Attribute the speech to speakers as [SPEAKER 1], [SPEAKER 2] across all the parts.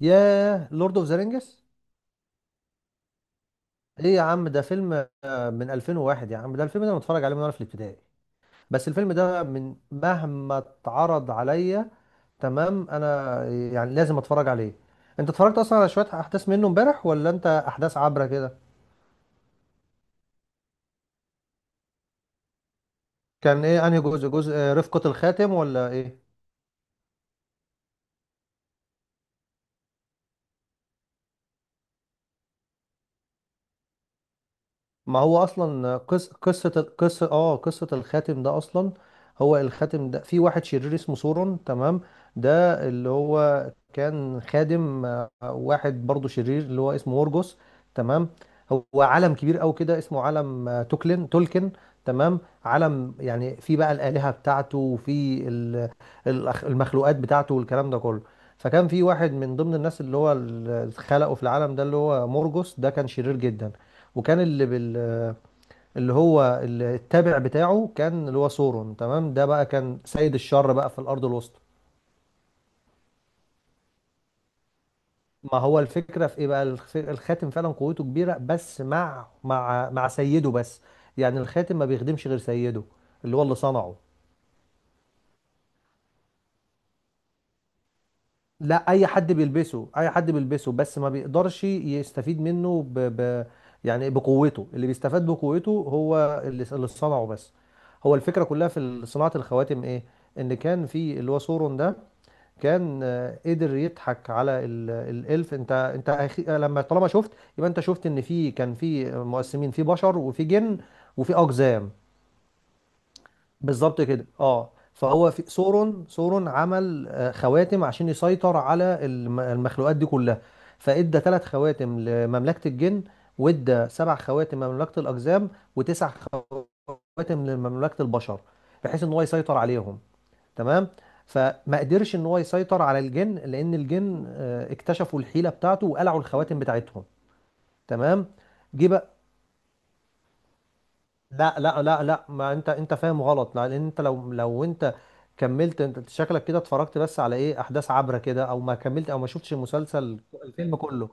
[SPEAKER 1] ياه! لورد اوف ذا رينجز. ايه يا عم، ده فيلم من 2001، يا عم. ده الفيلم ده انا متفرج عليه من وانا في الابتدائي. بس الفيلم ده من مهما اتعرض عليا. تمام، انا يعني لازم اتفرج عليه. انت اتفرجت اصلا على شوية احداث منه امبارح ولا انت احداث عبرة كده؟ كان ايه انهي جزء؟ رفقة الخاتم ولا ايه؟ ما هو اصلا قصه. قصه الخاتم ده اصلا. هو الخاتم ده في واحد شرير اسمه سورون، تمام. ده اللي هو كان خادم واحد برضه شرير اللي هو اسمه مورجوس، تمام. هو عالم كبير قوي كده اسمه عالم آه، توكلن تولكن، تمام. عالم يعني في بقى الآلهة بتاعته وفي المخلوقات بتاعته والكلام ده كله. فكان في واحد من ضمن الناس اللي هو اللي خلقه في العالم ده اللي هو مورجوس ده، كان شرير جدا. وكان اللي بال اللي هو التابع بتاعه كان اللي هو سورون، تمام. ده بقى كان سيد الشر بقى في الارض الوسطى. ما هو الفكره في ايه بقى؟ الخاتم فعلا قوته كبيره، بس مع سيده بس. يعني الخاتم ما بيخدمش غير سيده اللي هو اللي صنعه. لا، اي حد بيلبسه، اي حد بيلبسه، بس ما بيقدرش يستفيد منه يعني بقوته. اللي بيستفاد بقوته هو اللي صنعه بس. هو الفكره كلها في صناعه الخواتم ايه؟ ان كان في اللي هو سورون ده كان قدر يضحك على الالف. انت انت أخي- آه، لما طالما شفت، يبقى انت شفت ان في كان في مقسمين، في بشر وفي جن وفي اقزام. بالظبط كده، اه. فهو في سورون عمل خواتم عشان يسيطر على المخلوقات دي كلها. فادى 3 خواتم لمملكة الجن، وادى 7 خواتم لمملكة الاقزام، وتسع خواتم لمملكة البشر، بحيث ان هو يسيطر عليهم، تمام. فما قدرش ان هو يسيطر على الجن، لان الجن اكتشفوا الحيله بتاعته وقلعوا الخواتم بتاعتهم، تمام. جه بقى. لا لا لا لا، ما انت فاهم غلط، لا، لان انت لو انت كملت. انت شكلك كده اتفرجت بس على ايه، احداث عبره كده، او ما كملت، او ما شفتش المسلسل الفيلم كله.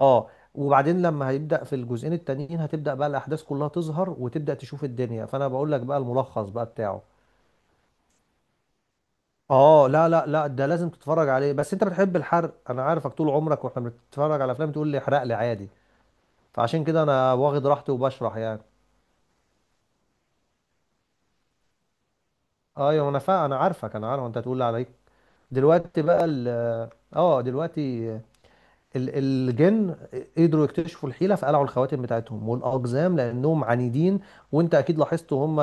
[SPEAKER 1] اه، وبعدين لما هيبدا في الجزئين التانيين هتبدا بقى الاحداث كلها تظهر وتبدا تشوف الدنيا. فانا بقول لك بقى الملخص بقى بتاعه. اه لا لا لا، ده لازم تتفرج عليه. بس انت بتحب الحرق، انا عارفك طول عمرك واحنا بنتفرج على افلام تقول لي احرق لي عادي. فعشان كده انا واخد راحتي وبشرح يعني. ايوه، انا عارف انت هتقول لي عليك. دلوقتي بقى ال اه دلوقتي الجن قدروا يكتشفوا الحيلة فقلعوا الخواتم بتاعتهم، والأقزام لأنهم عنيدين. وأنت أكيد لاحظت هم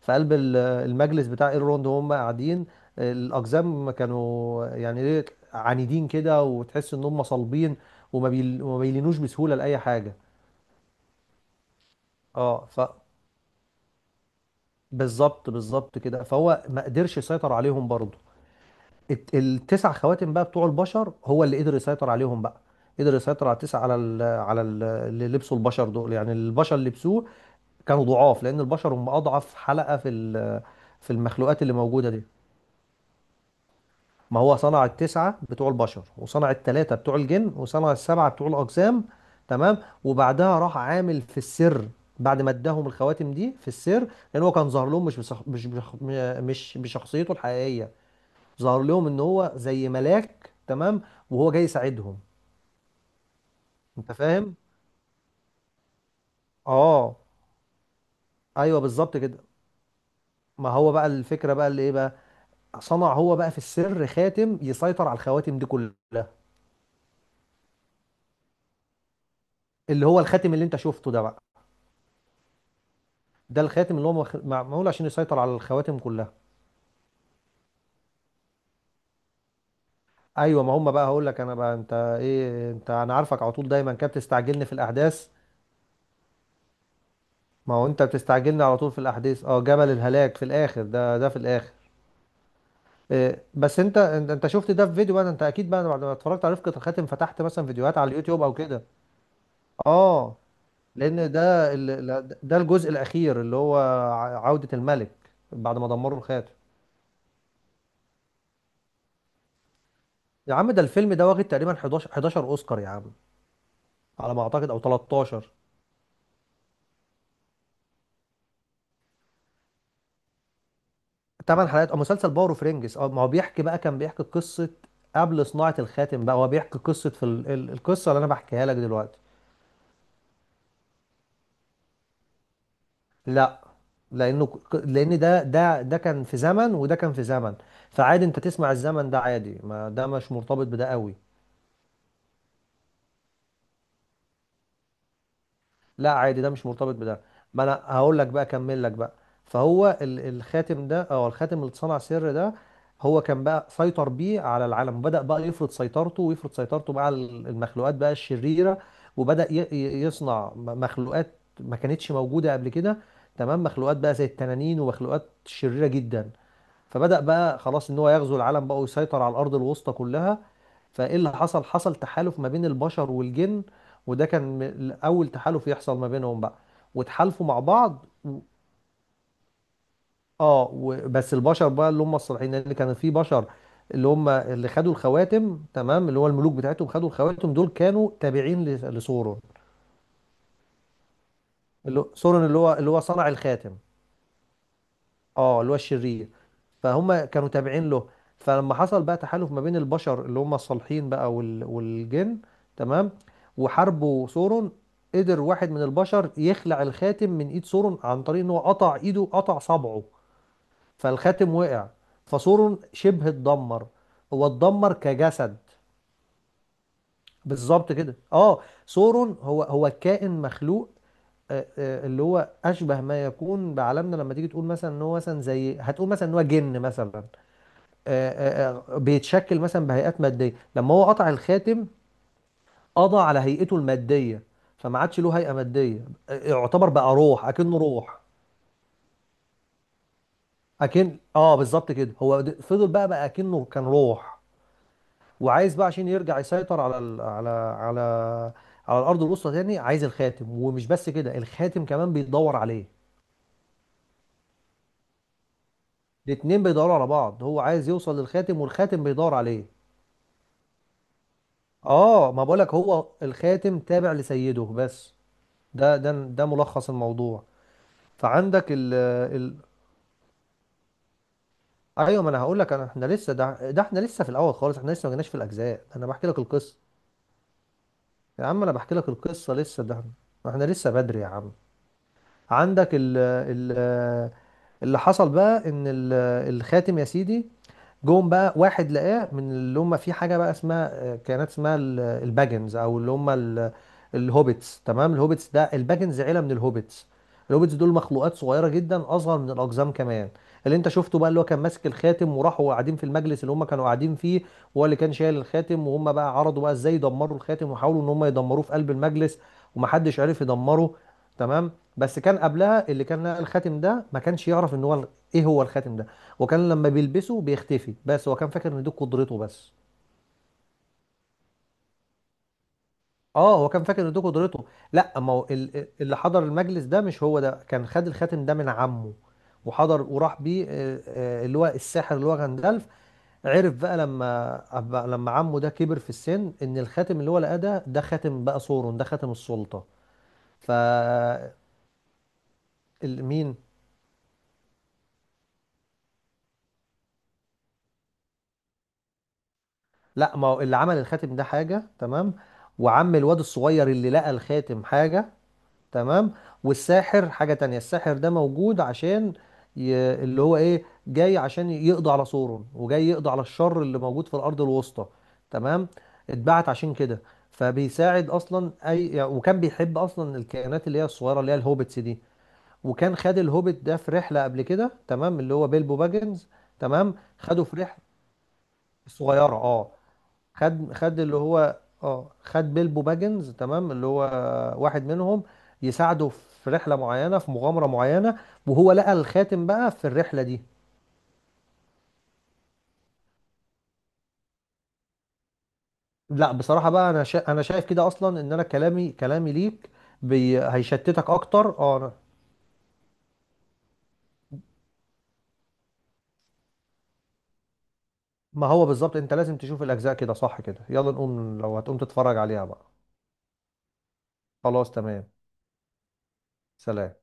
[SPEAKER 1] في قلب المجلس بتاع ايرلوند هم قاعدين. الأقزام كانوا يعني إيه، عنيدين كده وتحس إن هم صلبين، وما بيلينوش بسهولة لأي حاجة. اه ف بالظبط، كده. فهو ما قدرش يسيطر عليهم برضه. التسع خواتم بقى بتوع البشر هو اللي قدر يسيطر عليهم بقى. قدر يسيطر على التسع، على ال على ال اللي لبسوا، البشر دول. يعني البشر اللي لبسوه كانوا ضعاف، لان البشر هم اضعف حلقة في في المخلوقات اللي موجودة دي. ما هو صنع التسعة بتوع البشر، وصنع التلاتة بتوع الجن، وصنع السبعة بتوع الأجسام، تمام. وبعدها راح عامل في السر، بعد ما اداهم الخواتم دي في السر، لان هو كان ظاهر لهم مش بصح... مش بش... مش بشخصيته الحقيقية. ظهر لهم ان هو زي ملاك، تمام، وهو جاي يساعدهم. انت فاهم؟ اه. ايوه، بالظبط كده. ما هو بقى الفكره بقى اللي ايه بقى، صنع هو بقى في السر خاتم يسيطر على الخواتم دي كلها. اللي هو الخاتم اللي انت شفته ده بقى، ده الخاتم اللي هو معمول عشان يسيطر على الخواتم كلها. ايوه، ما هم بقى هقول لك انا بقى. انت ايه، انت، انا عارفك على طول دايما كده بتستعجلني في الاحداث. ما هو انت بتستعجلني على طول في الاحداث. اه، جبل الهلاك في الاخر، ده في الاخر. إيه، بس انت انت أنت شفت ده في فيديو بقى، ده انت اكيد بقى بعد ما اتفرجت على رفقة الخاتم فتحت مثلا فيديوهات على اليوتيوب او كده. اه، لان ده ده الجزء الاخير اللي هو عودة الملك بعد ما دمروا الخاتم. يا عم ده الفيلم ده واخد تقريبا 11 اوسكار يا عم، على ما اعتقد، او 13. 8 حلقات او مسلسل باور اوف رينجز. اه، ما هو بيحكي بقى، كان بيحكي قصة قبل صناعة الخاتم بقى. هو بيحكي قصة في القصة اللي انا بحكيها لك دلوقتي. لا، لان ده كان في زمن، وده كان في زمن. فعادي انت تسمع الزمن ده عادي، ما ده مش مرتبط بده قوي. لا عادي، ده مش مرتبط بده. ما انا هقول لك بقى، اكمل لك بقى. فهو الخاتم ده، او الخاتم اللي اتصنع سر ده، هو كان بقى سيطر بيه على العالم، وبدأ بقى يفرض سيطرته، ويفرض سيطرته بقى على المخلوقات بقى الشريرة. وبدأ يصنع مخلوقات ما كانتش موجودة قبل كده، تمام. مخلوقات بقى زي التنانين ومخلوقات شريرة جدا. فبدأ بقى خلاص ان هو يغزو العالم بقى، ويسيطر على الارض الوسطى كلها. فايه اللي حصل؟ حصل تحالف ما بين البشر والجن، وده كان اول تحالف يحصل ما بينهم بقى. وتحالفوا مع بعض بس البشر بقى اللي هم الصالحين، لان كان في بشر اللي هم اللي خدوا الخواتم، تمام. اللي هو الملوك بتاعتهم خدوا الخواتم، دول كانوا تابعين لسورون. سورون اللي هو صنع الخاتم. اه، اللي هو الشرير. فهم كانوا تابعين له. فلما حصل بقى تحالف ما بين البشر اللي هم الصالحين بقى والجن، تمام. وحاربوا سورون. قدر واحد من البشر يخلع الخاتم من ايد سورون، عن طريق ان هو قطع ايده، قطع صبعه، فالخاتم وقع، فسورون شبه اتدمر. هو اتدمر كجسد. بالظبط كده، اه. سورون هو كائن مخلوق. اللي هو اشبه ما يكون بعالمنا، لما تيجي تقول مثلا ان هو مثلا، زي هتقول مثلا ان هو جن مثلا. آه، بيتشكل مثلا بهيئات ماديه. لما هو قطع الخاتم، قضى على هيئته الماديه، فما عادش له هيئه ماديه. يعتبر بقى روح، اكنه روح. اكن اه، بالظبط كده. هو فضل بقى اكنه كان روح، وعايز بقى عشان يرجع يسيطر على ال... على على على الارض الوسطى تاني. عايز الخاتم، ومش بس كده، الخاتم كمان بيدور عليه. الاتنين بيدوروا على بعض، هو عايز يوصل للخاتم والخاتم بيدور عليه. اه، ما بقولك، هو الخاتم تابع لسيده بس. ده ملخص الموضوع. فعندك ال ال ايوه، ما انا هقول لك انا، احنا لسه، ده احنا لسه في الاول خالص. احنا لسه ما جيناش في الاجزاء ده، انا بحكي لك القصه. يا عم، انا بحكي لك القصه لسه ده، احنا لسه بدري يا عم. عندك ال ال اللي حصل بقى ان الخاتم، يا سيدي، جم بقى واحد لقاه من اللي هم في حاجه بقى اسمها الباجنز، او اللي هم الهوبيتس، تمام. الهوبيتس ده الباجنز عيله من الهوبيتس. الهوبيتس دول مخلوقات صغيره جدا، اصغر من الاقزام كمان. اللي انت شفته بقى، اللي هو كان ماسك الخاتم وراحوا قاعدين في المجلس اللي هم كانوا قاعدين فيه، وهو اللي كان شايل الخاتم. وهم بقى عرضوا بقى ازاي يدمروا الخاتم، وحاولوا ان هم يدمروه في قلب المجلس، ومحدش عرف يدمره، تمام. بس كان قبلها اللي كان لقى الخاتم ده ما كانش يعرف ان هو ايه هو الخاتم ده. وكان لما بيلبسه بيختفي، بس هو كان فاكر ان دي قدرته بس. اه، هو كان فاكر ان دي قدرته. لا، ما هو اللي حضر المجلس ده مش هو، ده كان خد الخاتم ده من عمه، وحضر وراح بيه اللي هو الساحر اللي هو غندالف. عرف بقى، لما لما عمه ده كبر في السن، ان الخاتم اللي هو لقاه ده، ده خاتم بقى سورون، ده خاتم السلطة. ف مين؟ لا، ما هو اللي عمل الخاتم ده حاجة، تمام. وعم الواد الصغير اللي لقى الخاتم حاجة، تمام. والساحر حاجة تانية. الساحر ده موجود عشان اللي هو ايه، جاي عشان يقضي على سورون، وجاي يقضي على الشر اللي موجود في الأرض الوسطى، تمام. اتبعت عشان كده. فبيساعد اصلا اي يعني، وكان بيحب اصلا الكائنات اللي هي الصغيره، اللي هي الهوبتس دي. وكان خد الهوبت ده في رحله قبل كده، تمام، اللي هو بيلبو باجنز، تمام، خده في رحله صغيره، اه. خد بيلبو باجنز، تمام، اللي هو واحد منهم، يساعده في رحلة معينة، في مغامرة معينة. وهو لقى الخاتم بقى في الرحلة دي. لا، بصراحة بقى، انا انا شايف كده اصلا ان انا كلامي، كلامي ليك هيشتتك اكتر. ما هو بالظبط انت لازم تشوف الاجزاء كده، صح كده. يلا نقوم، لو هتقوم تتفرج عليها بقى. خلاص تمام. سلام.